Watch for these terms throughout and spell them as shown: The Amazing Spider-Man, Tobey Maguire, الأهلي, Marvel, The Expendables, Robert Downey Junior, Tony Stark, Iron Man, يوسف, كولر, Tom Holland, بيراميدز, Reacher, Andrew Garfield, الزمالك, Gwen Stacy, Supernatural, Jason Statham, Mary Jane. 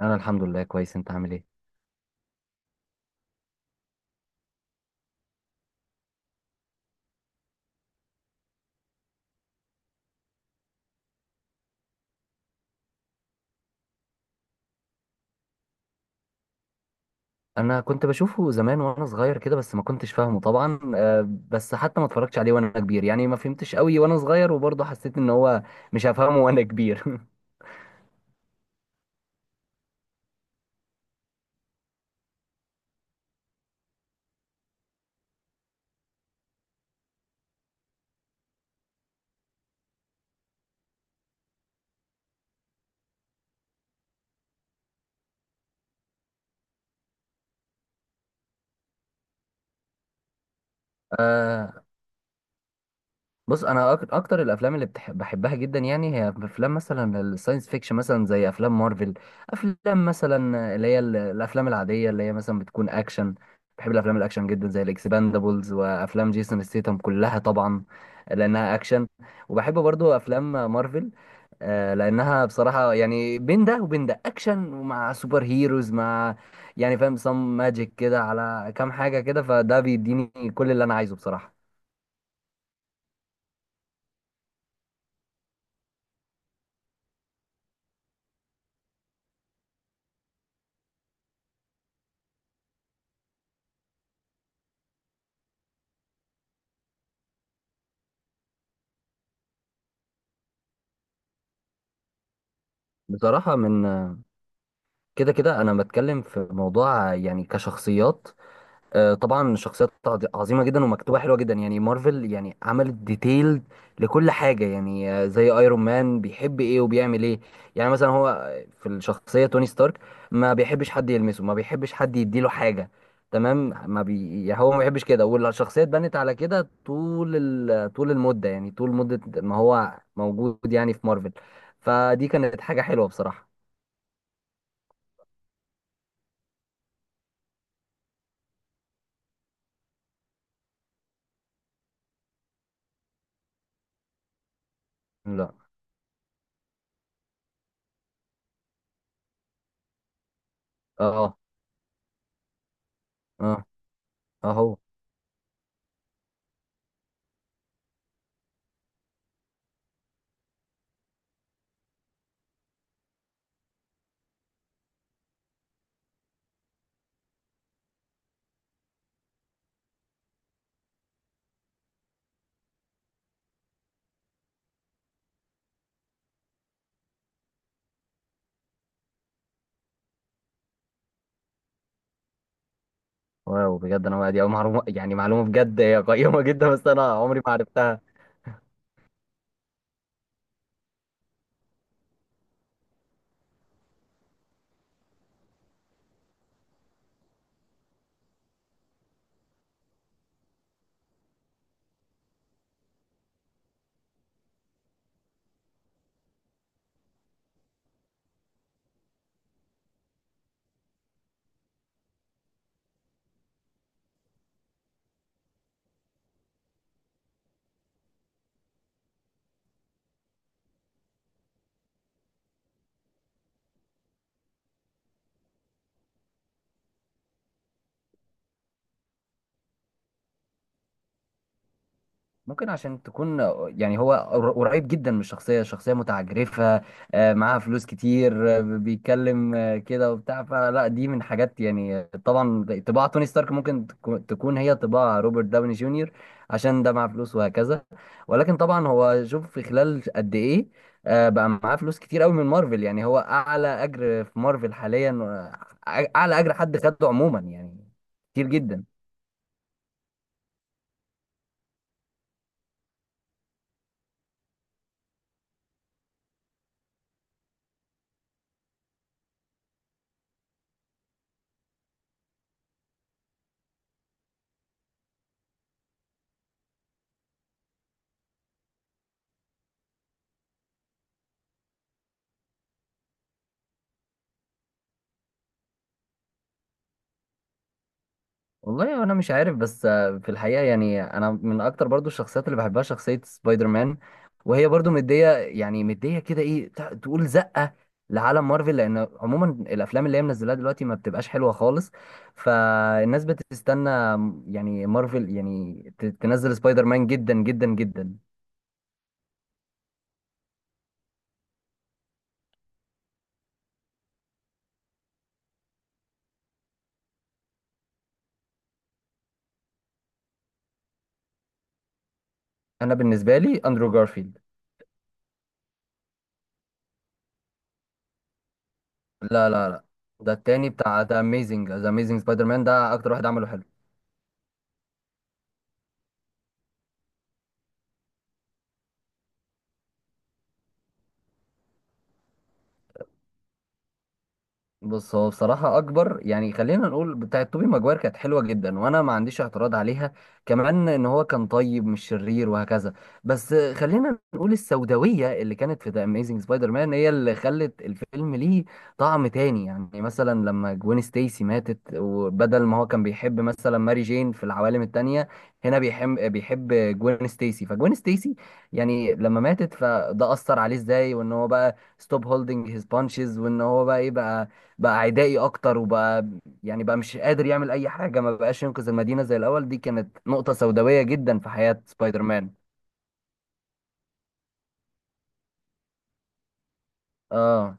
انا الحمد لله كويس. انت عامل ايه؟ انا كنت بشوفه زمان وانا صغير كده، بس ما كنتش فاهمه طبعا. آه، بس حتى ما اتفرجتش عليه وانا كبير، يعني ما فهمتش قوي وانا صغير، وبرضه حسيت ان هو مش هفهمه وانا كبير. بص، انا اكتر الافلام اللي بحبها جدا، يعني هي افلام مثلا الساينس فيكشن، مثلا زي افلام مارفل. افلام مثلا اللي هي الافلام العاديه اللي هي مثلا بتكون اكشن. بحب الافلام الاكشن جدا زي الاكسباندابلز وافلام جيسون ستيتم كلها طبعا، لانها اكشن. وبحب برضو افلام مارفل، آه، لانها بصراحه يعني بين ده وبين ده اكشن ومع سوبر هيروز، مع يعني فاهم سم ماجيك كده على كام حاجه كده، فده بيديني كل اللي انا عايزه بصراحه. بصراحة، من كده كده انا بتكلم في موضوع يعني كشخصيات. آه، طبعا شخصيات عظيمه جدا ومكتوبه حلوه جدا، يعني مارفل يعني عملت ديتيل لكل حاجه، يعني آه، زي ايرون مان بيحب ايه وبيعمل ايه. يعني مثلا هو في الشخصيه توني ستارك ما بيحبش حد يلمسه، ما بيحبش حد يديله حاجه، تمام، ما بي يعني هو ما بيحبش كده، والشخصيه اتبنت على كده طول. طول المده، يعني طول مده ما هو موجود يعني في مارفل. فدي كانت حاجه حلوه بصراحه. لا. اه. اه. اهو. واو، بجد انا دي أول معلومه، يعني معلومه بجد هي قيمه جدا، بس انا عمري ما عرفتها. ممكن عشان تكون، يعني هو قريب جدا من الشخصية، شخصية متعجرفة، آه، معاها فلوس كتير، آه، بيتكلم آه، كده وبتاع فلا دي من حاجات، يعني آه، طبعا طباع توني ستارك ممكن تكون هي طباع روبرت داوني جونيور، عشان ده معاه فلوس وهكذا. ولكن طبعا هو شوف في خلال قد ايه، آه، بقى معاه فلوس كتير قوي من مارفل، يعني هو اعلى اجر في مارفل حاليا، آه، اعلى اجر حد خده عموما يعني، كتير جدا. والله انا مش عارف، بس آه، في الحقيقه يعني انا من اكتر برضو الشخصيات اللي بحبها شخصيه سبايدر مان، وهي برضو مديه، يعني مديه كده ايه تقول زقه لعالم مارفل، لان عموما الافلام اللي هي منزلاها دلوقتي ما بتبقاش حلوه خالص، فالناس بتستنى يعني مارفل يعني تنزل سبايدر مان جدا جدا جدا. انا بالنسبه لي اندرو جارفيلد. لا لا لا، ده التاني بتاع ذا اميزنج، ذا اميزنج سبايدر مان، ده اكتر واحد عمله حلو. بص، هو بصراحة أكبر يعني، خلينا نقول بتاعت توبي ماجواير كانت حلوة جدا، وأنا ما عنديش اعتراض عليها، كمان إن هو كان طيب مش شرير وهكذا. بس خلينا نقول السوداوية اللي كانت في ذا أميزنج سبايدر مان هي اللي خلت الفيلم ليه طعم تاني، يعني مثلا لما جوين ستيسي ماتت، وبدل ما هو كان بيحب مثلا ماري جين في العوالم التانية، هنا بيحب جوين ستيسي، فجوين ستيسي يعني لما ماتت فده أثر عليه إزاي، وإن هو بقى ستوب هولدنج هيز بانشز، وإن هو بقى إيه، بقى بقى عدائي اكتر، وبقى يعني بقى مش قادر يعمل اي حاجه، ما بقاش ينقذ المدينه زي الاول. دي كانت نقطه سوداويه جدا في حياه سبايدر مان. اه.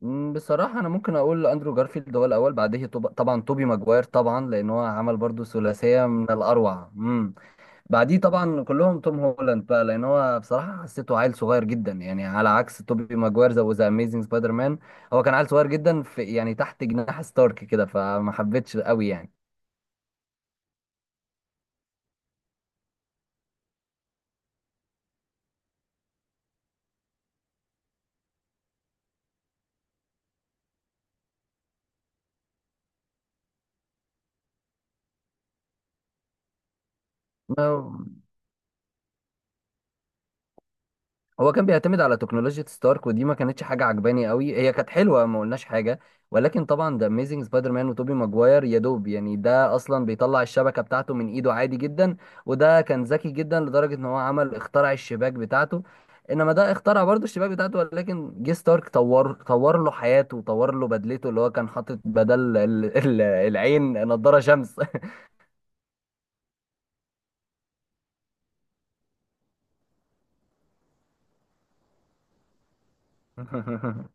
مم، بصراحه انا ممكن اقول اندرو جارفيلد هو الاول، بعديه طبعا توبي ماجواير طبعا، لان هو عمل برضو ثلاثيه من الاروع. امم، بعديه طبعا كلهم توم هولاند بقى، لان هو بصراحه حسيته عيل صغير جدا، يعني على عكس توبي ماجواير، زي ذا اميزنج سبايدر مان، هو كان عيل صغير جدا في، يعني تحت جناح ستارك كده، فما حبيتش قوي يعني. هو كان بيعتمد على تكنولوجيا ستارك، ودي ما كانتش حاجه عجباني قوي، هي كانت حلوه ما قلناش حاجه، ولكن طبعا ده اميزنج سبايدر مان وتوبي ماجواير يا دوب يعني ده اصلا بيطلع الشبكه بتاعته من ايده عادي جدا، وده كان ذكي جدا لدرجه ان هو عمل اخترع الشباك بتاعته، انما ده اخترع برضه الشباك بتاعته، ولكن جه ستارك طور، طور له حياته وطور له بدلته، اللي هو كان حاطط بدل العين نضاره شمس.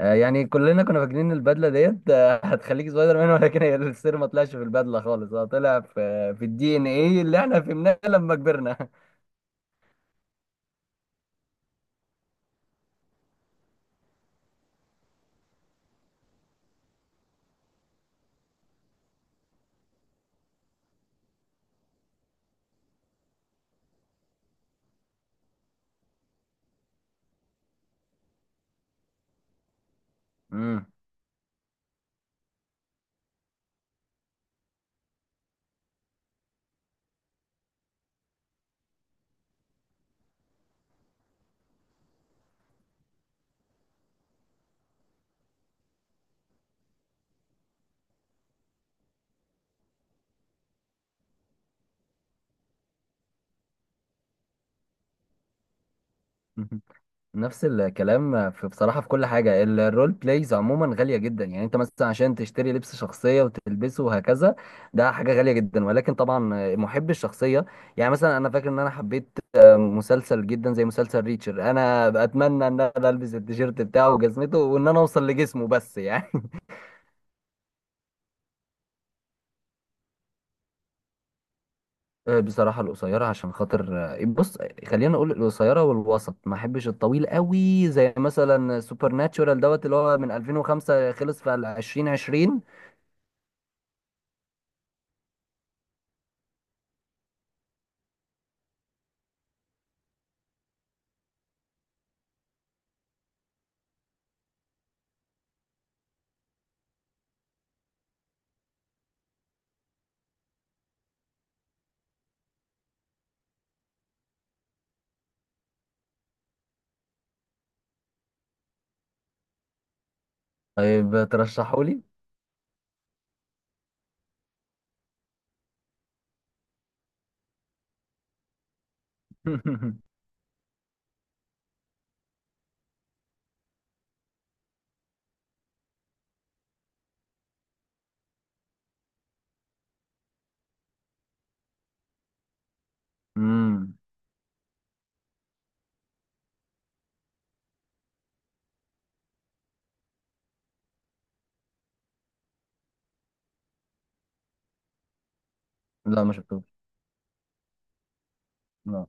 آه، يعني كلنا كنا فاكرين إن البدله ديت آه، هتخليك سبايدر مان، ولكن هي السر ما طلعش في البدله خالص، هو طلع في الدي ان ايه اللي احنا فهمناه لما كبرنا. مم. نفس الكلام في بصراحه في كل حاجه، الرول بلايز عموما غاليه جدا، يعني انت مثلا عشان تشتري لبس شخصيه وتلبسه وهكذا، ده حاجه غاليه جدا، ولكن طبعا آه، محب الشخصيه. يعني مثلا انا فاكر ان انا حبيت آه، مسلسل جدا زي مسلسل ريتشر، انا اتمنى ان انا البس التيشيرت بتاعه وجزمته وان انا اوصل لجسمه بس يعني. آه، بصراحة القصيرة، عشان خاطر آه، بص، خلينا نقول القصيرة والوسط، ما احبش الطويل قوي زي مثلا سوبر ناتشورال دوت اللي هو من 2005 خلص في 2020. طيب ترشحوا لي. امم. لا ما شفتوش. لا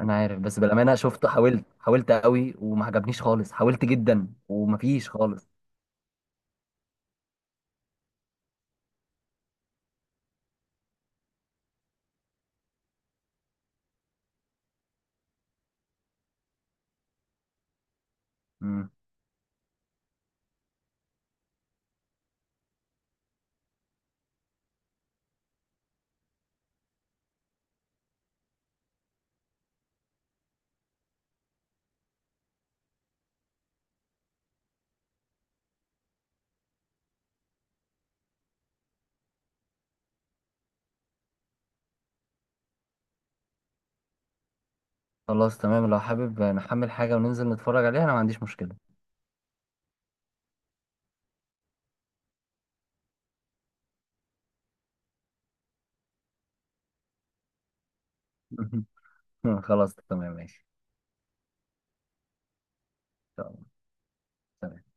انا عارف، بس بالأمانة شفته، حاولت، حاولت قوي وما عجبنيش خالص، حاولت جدا ومفيش خالص. امم. خلاص تمام، لو حابب نحمل حاجة وننزل نتفرج عليها انا ما عنديش مشكلة. خلاص تمام ماشي. إن شاء الله. سلام.